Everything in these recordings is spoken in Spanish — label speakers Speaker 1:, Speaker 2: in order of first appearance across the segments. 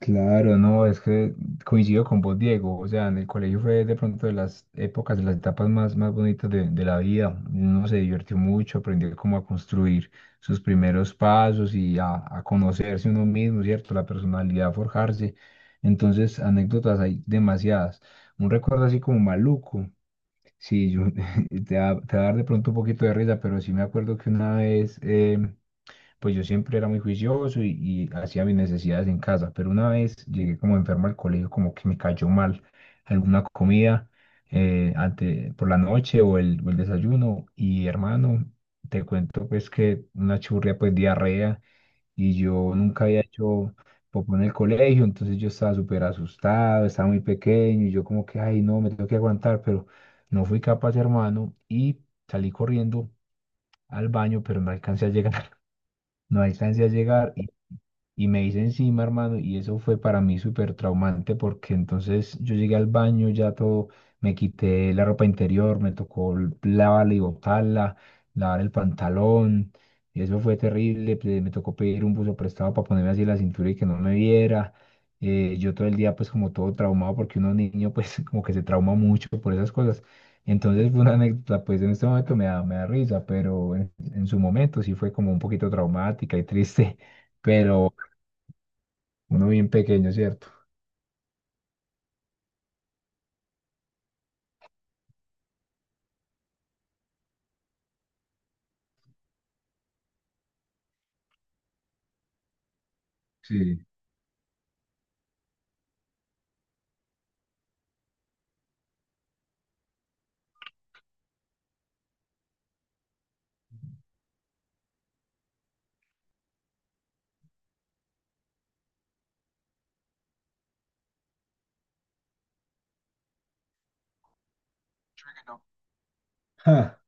Speaker 1: Claro, no, es que coincido con vos, Diego. O sea, en el colegio fue de pronto de las épocas, de las etapas más bonitas de la vida. Uno se divirtió mucho, aprendió cómo a construir sus primeros pasos y a conocerse uno mismo, ¿cierto? La personalidad, forjarse. Entonces, anécdotas hay demasiadas. Un recuerdo así como maluco. Sí, yo, te va a dar de pronto un poquito de risa, pero sí me acuerdo que una vez. Pues yo siempre era muy juicioso y hacía mis necesidades en casa, pero una vez llegué como enfermo al colegio, como que me cayó mal alguna comida, por la noche o o el desayuno, y hermano, te cuento pues que una churria, pues diarrea, y yo nunca había hecho popó en el colegio. Entonces yo estaba súper asustado, estaba muy pequeño y yo como que, ay no, me tengo que aguantar, pero no fui capaz, hermano, y salí corriendo al baño, pero no alcancé a llegar. No alcancé a llegar y me hice encima, hermano, y eso fue para mí súper traumante, porque entonces yo llegué al baño, ya todo, me quité la ropa interior, me tocó lavarla y botarla, lavar el pantalón, y eso fue terrible. Me tocó pedir un buzo prestado para ponerme así la cintura y que no me viera. Yo todo el día pues como todo traumado, porque uno niño pues como que se trauma mucho por esas cosas. Entonces fue una anécdota, pues en este momento me da risa, pero en su momento sí fue como un poquito traumática y triste. Pero uno bien pequeño, ¿cierto? Sí. Ja.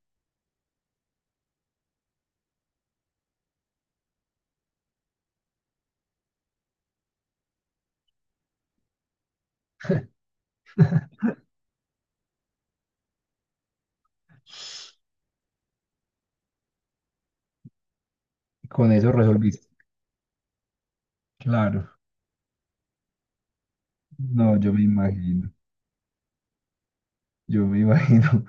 Speaker 1: Con eso resolviste. Claro. No, yo me imagino. Yo me imagino.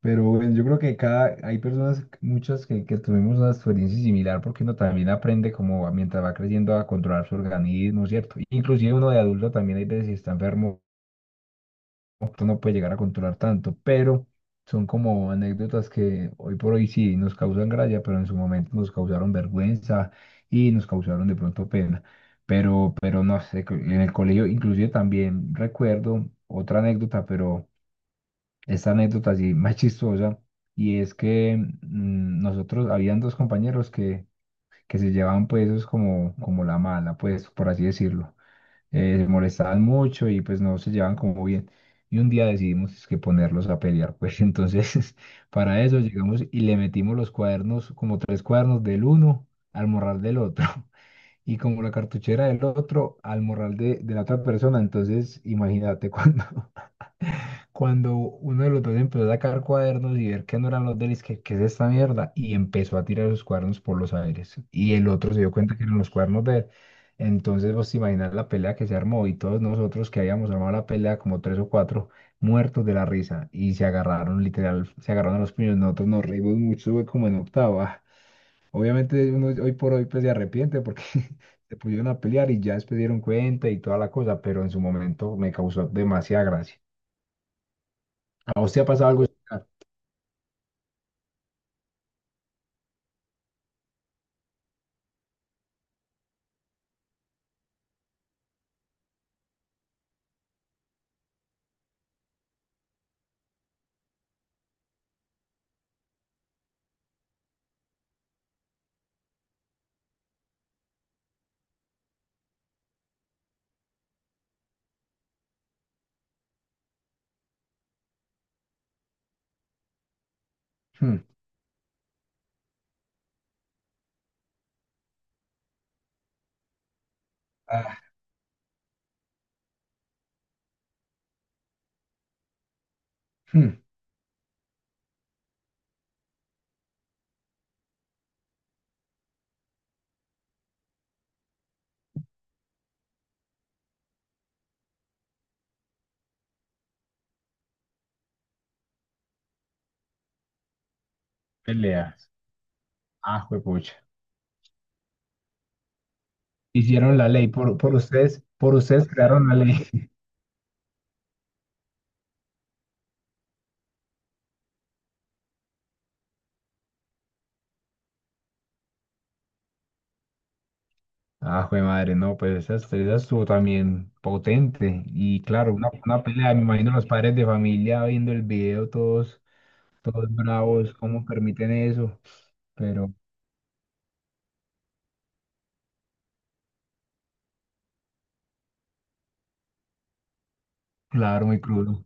Speaker 1: Pero bueno, yo creo que hay personas, muchas que tuvimos una experiencia similar, porque uno también aprende como mientras va creciendo a controlar su organismo, ¿cierto? Inclusive uno de adulto también hay veces, si está enfermo tú no puedes llegar a controlar tanto, pero son como anécdotas que hoy por hoy sí nos causan gracia, pero en su momento nos causaron vergüenza y nos causaron de pronto pena. Pero no sé, en el colegio inclusive también recuerdo otra anécdota, pero esta anécdota sí más chistosa, y es que nosotros, habían dos compañeros que se llevaban, pues eso es como, como la mala, pues por así decirlo. Se molestaban mucho y pues no se llevaban como bien. Y un día decidimos es que ponerlos a pelear, pues entonces para eso llegamos y le metimos los cuadernos, como tres cuadernos del uno al morral del otro. Y como la cartuchera del otro al morral de la otra persona, entonces imagínate cuando uno de los dos empezó a sacar cuadernos y ver que no eran los de él, es que, ¿qué es esta mierda? Y empezó a tirar los cuadernos por los aires. Y el otro se dio cuenta que eran los cuadernos de él. Entonces, vos te imaginas la pelea que se armó, y todos nosotros que habíamos armado la pelea, como tres o cuatro, muertos de la risa. Y se agarraron, literal, se agarraron a los puños. Nosotros nos reímos mucho, fue como en octava. Obviamente, uno hoy por hoy pues se arrepiente porque se pusieron a pelear y ya después dieron cuenta y toda la cosa, pero en su momento me causó demasiada gracia. ¿A usted ha pasado algo similar? Hmm, Ah, hmm, Peleas. Ah, juepucha. Hicieron la ley por ustedes crearon la ley. Ah, jue madre, no, pues esa estuvo también potente. Y claro, una pelea, me imagino los padres de familia viendo el video, todos, todos bravos, cómo permiten eso. Pero claro, muy crudo.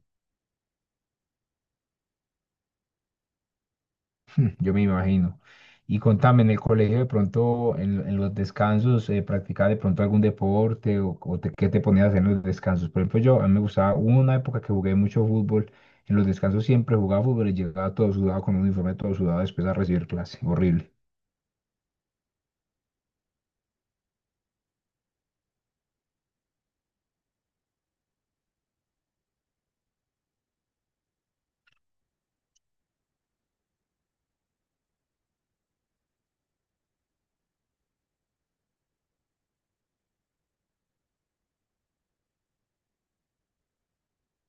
Speaker 1: Yo me imagino. Y contame, en el colegio de pronto, en los descansos, ¿practicabas de pronto algún deporte o, qué te ponías a hacer en los descansos? Por ejemplo, yo, a mí me gustaba, hubo una época que jugué mucho fútbol, en los descansos siempre jugaba fútbol y llegaba todo sudado con un uniforme todo sudado después a recibir clase, horrible.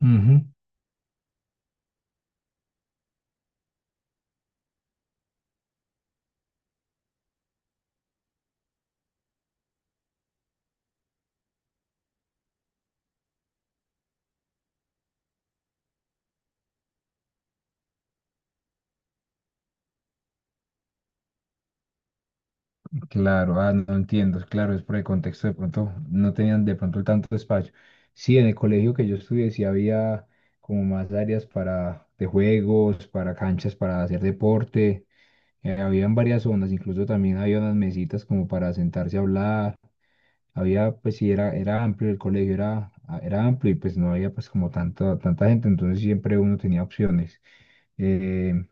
Speaker 1: Ujú. Claro, ah, no entiendo, claro, es por el contexto, de pronto no tenían de pronto tanto espacio. Sí, en el colegio que yo estudié sí había como más áreas para de juegos, para canchas, para hacer deporte. Habían varias zonas, incluso también había unas mesitas como para sentarse a hablar, había, pues sí, era amplio el colegio, ah, era amplio y pues no había pues como tanta gente, entonces siempre uno tenía opciones. Eh,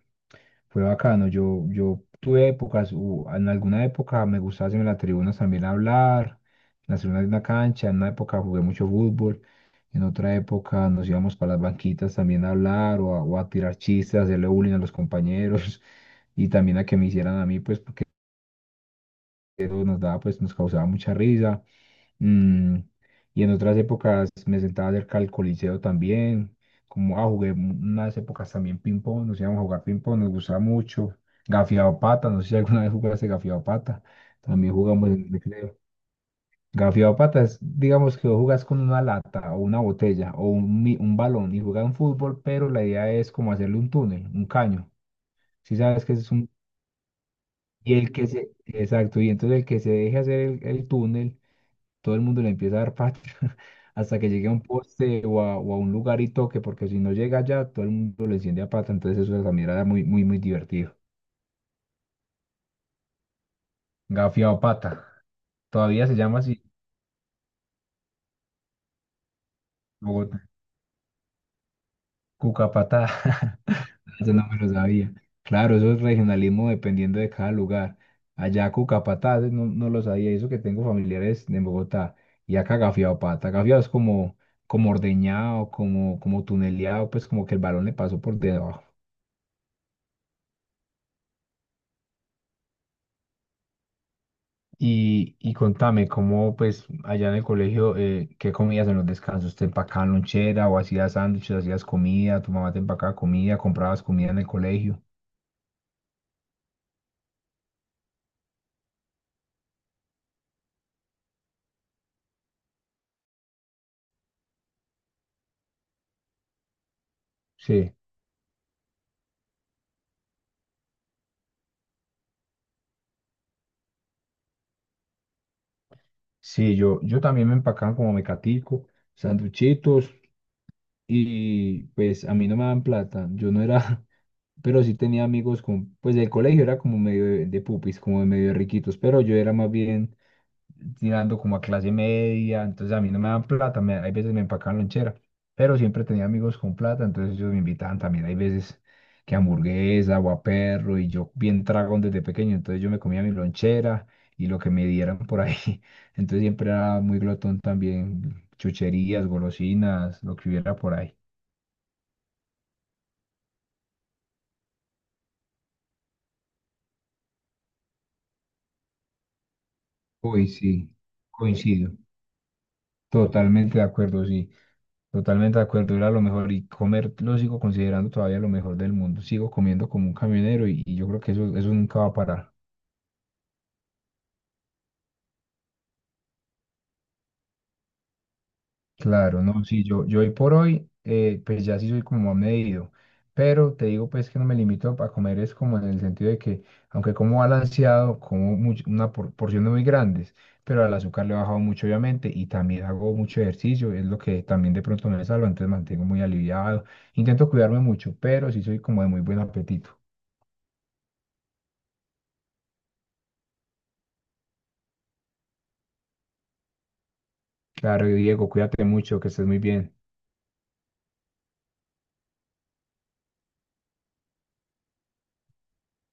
Speaker 1: Fue bacano, yo tuve épocas, en alguna época me gustaba hacerme en las tribunas también hablar, en las tribunas de una cancha, en una época jugué mucho fútbol, en otra época nos íbamos para las banquitas también a hablar o o a tirar chistes, a hacerle bullying a los compañeros y también a que me hicieran a mí, pues porque eso nos daba, pues nos causaba mucha risa. Mm, y en otras épocas me sentaba cerca del Coliseo también, como ah, jugué unas épocas también ping-pong, nos íbamos a jugar ping-pong, nos gustaba mucho. Gafiado pata, no sé si alguna vez jugaste gafiado pata, también jugamos en el recreo. Gafiado pata es, digamos que vos jugás con una lata o una botella o un, un balón y jugás un fútbol, pero la idea es como hacerle un túnel, un caño. Si sabes que es un... Y el que se... Exacto, y entonces el que se deje hacer el túnel, todo el mundo le empieza a dar patria hasta que llegue a un poste o a un lugar y toque, porque si no llega allá, todo el mundo le enciende a pata, entonces eso también era muy, muy, muy divertido. Gafiao pata, todavía se llama así. Bogotá, cucapatá, eso no me lo sabía. Claro, eso es regionalismo dependiendo de cada lugar. Allá cucapatá, ese no, no lo sabía, y eso que tengo familiares en Bogotá, y acá gafiao pata, gafiao es como, como ordeñado, como, como tuneleado, pues como que el balón le pasó por debajo. Y contame, ¿cómo pues allá en el colegio, qué comías en los descansos? ¿Te empacaban lonchera o hacías sándwiches, hacías comida? ¿Tu mamá te empacaba comida? ¿Comprabas comida en el colegio? Sí, sí, yo también me empacaban como mecatico, sanduchitos, y pues a mí no me daban plata, yo no era, pero sí tenía amigos con, pues el colegio era como medio de pupis, como de medio de riquitos, pero yo era más bien tirando como a clase media, entonces a mí no me dan plata, me, hay veces me empacaban lonchera, pero siempre tenía amigos con plata, entonces ellos me invitaban también, hay veces que hamburguesa, guaperro, y yo bien tragón desde pequeño, entonces yo me comía mi lonchera y lo que me dieran por ahí, entonces siempre era muy glotón también, chucherías, golosinas, lo que hubiera por ahí. Uy, sí, coincido, totalmente de acuerdo, sí. Totalmente de acuerdo, era lo mejor, y comer lo sigo considerando todavía lo mejor del mundo. Sigo comiendo como un camionero y yo creo que eso nunca va a parar. Claro, no, sí, yo hoy por hoy, pues ya sí soy como más medido, pero te digo pues que no me limito a comer, es como en el sentido de que aunque como balanceado, como porciones muy grandes, pero al azúcar le he bajado mucho obviamente, y también hago mucho ejercicio, es lo que también de pronto me salva, entonces mantengo muy aliviado, intento cuidarme mucho, pero sí soy como de muy buen apetito. Claro, Diego, cuídate mucho, que estés muy bien.